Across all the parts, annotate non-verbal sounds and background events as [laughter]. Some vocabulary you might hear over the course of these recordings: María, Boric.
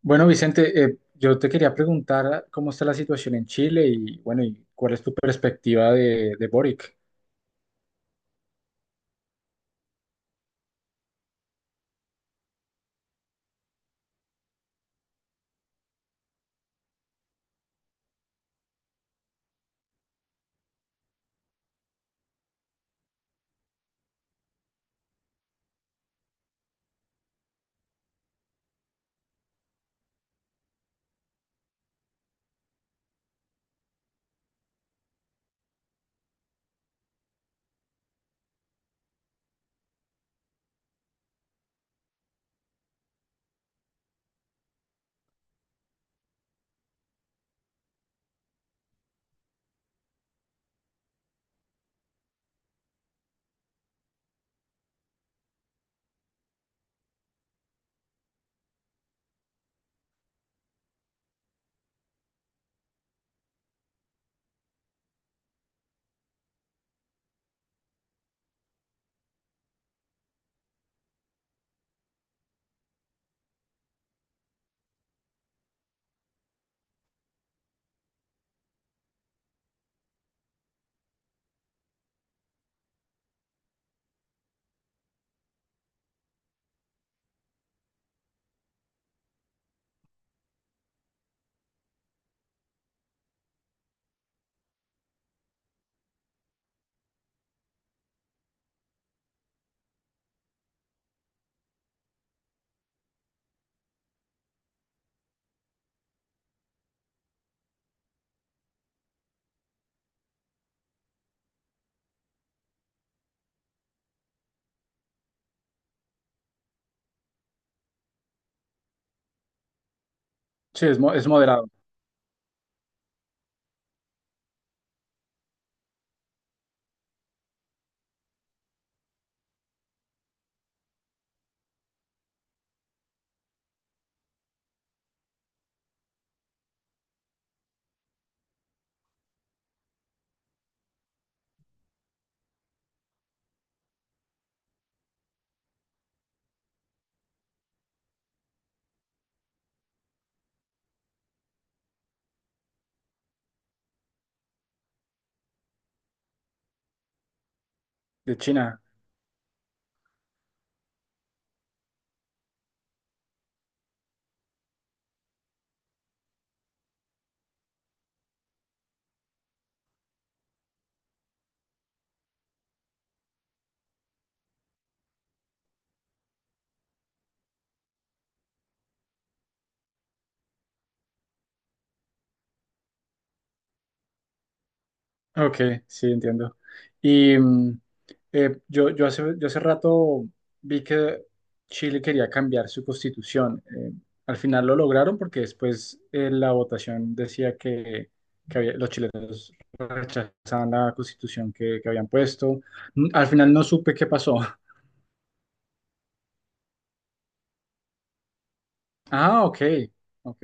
Bueno, Vicente, yo te quería preguntar cómo está la situación en Chile y bueno, y cuál es tu perspectiva de Boric. Sí, es moderado, de China. Ok, sí, entiendo. Y yo hace rato vi que Chile quería cambiar su constitución. Al final lo lograron porque después la votación decía que los chilenos rechazaban la constitución que habían puesto. Mm, al final no supe qué pasó. [laughs] Ah, ok, ok,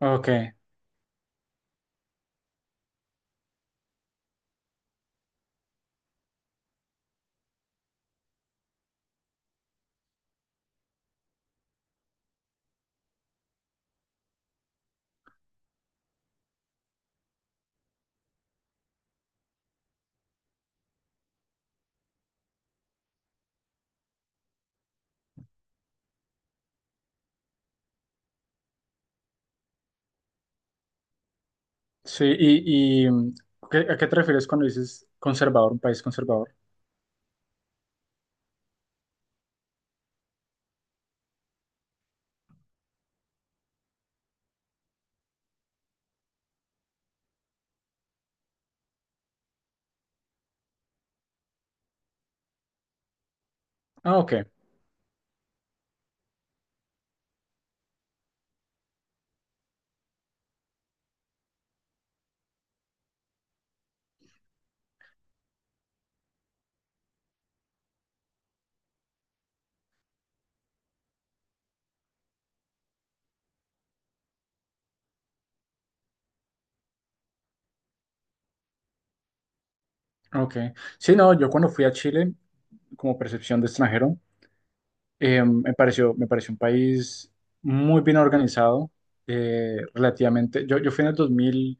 ok. Sí, y mm, ¿a qué te refieres cuando dices conservador, un país conservador? Ah, ok, ok. Sí, no, yo cuando fui a Chile, como percepción de extranjero, me pareció un país muy bien organizado, relativamente. Yo fui en el dos mil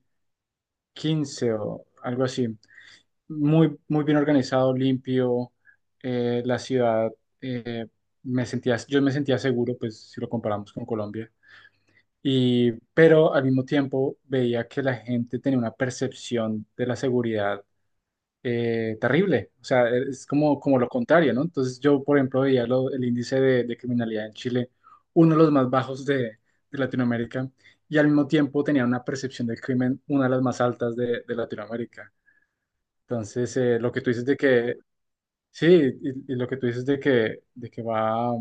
quince o algo así, muy bien organizado, limpio, la ciudad, eh, yo me sentía seguro, pues si lo comparamos con Colombia. Y pero al mismo tiempo veía que la gente tenía una percepción de la seguridad terrible. O sea, es como, como lo contrario, ¿no? Entonces yo, por ejemplo, veía el índice de criminalidad en Chile, uno de los más bajos de Latinoamérica, y al mismo tiempo tenía una percepción del crimen, una de las más altas de Latinoamérica. Entonces, lo que tú dices de que, sí, y lo que tú dices de que va,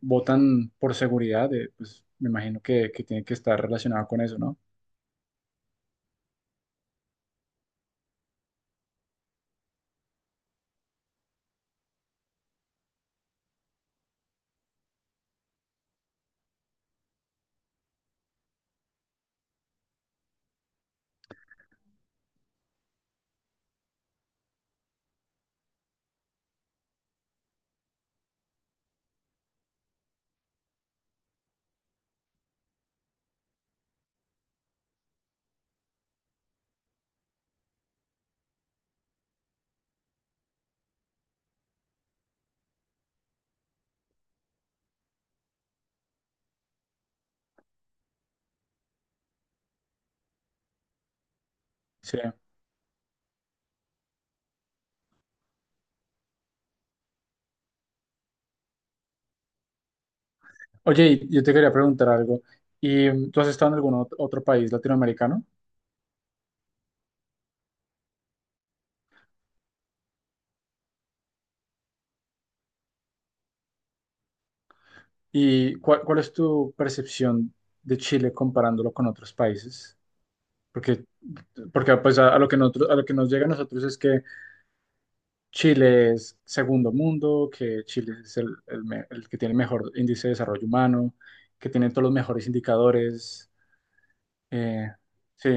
votan por seguridad, pues me imagino que tiene que estar relacionado con eso, ¿no? Sí. Oye, y yo te quería preguntar algo. ¿Y mm, tú has estado en algún otro país latinoamericano? ¿Y cuál es tu percepción de Chile comparándolo con otros países? Porque, porque pues a lo que nosotros, a lo que nos llega a nosotros es que Chile es segundo mundo, que Chile es el que tiene el mejor índice de desarrollo humano, que tiene todos los mejores indicadores. Eh, sí,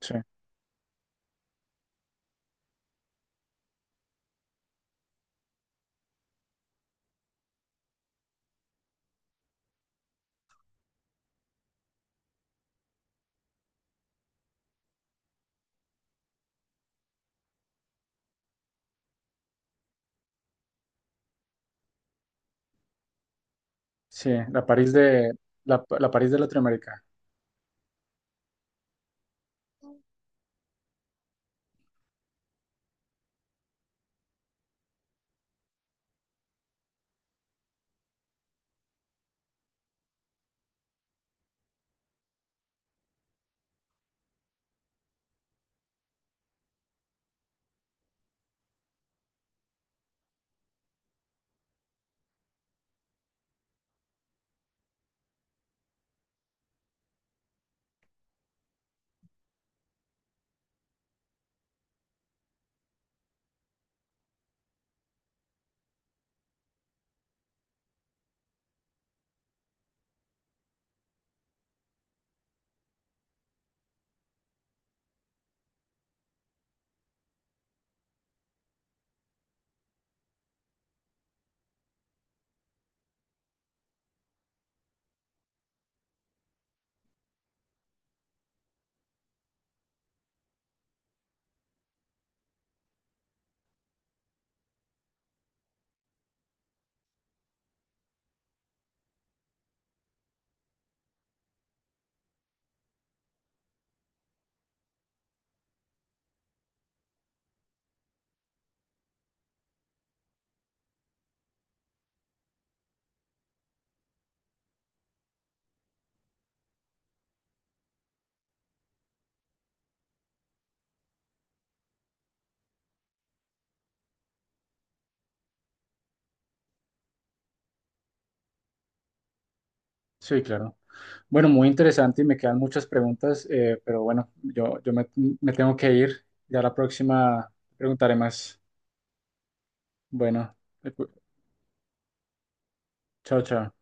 sí, sí, la París la París de Latinoamérica. Sí, claro. Bueno, muy interesante y me quedan muchas preguntas, pero bueno, me tengo que ir. Ya la próxima preguntaré más. Bueno, pues, chao, chao.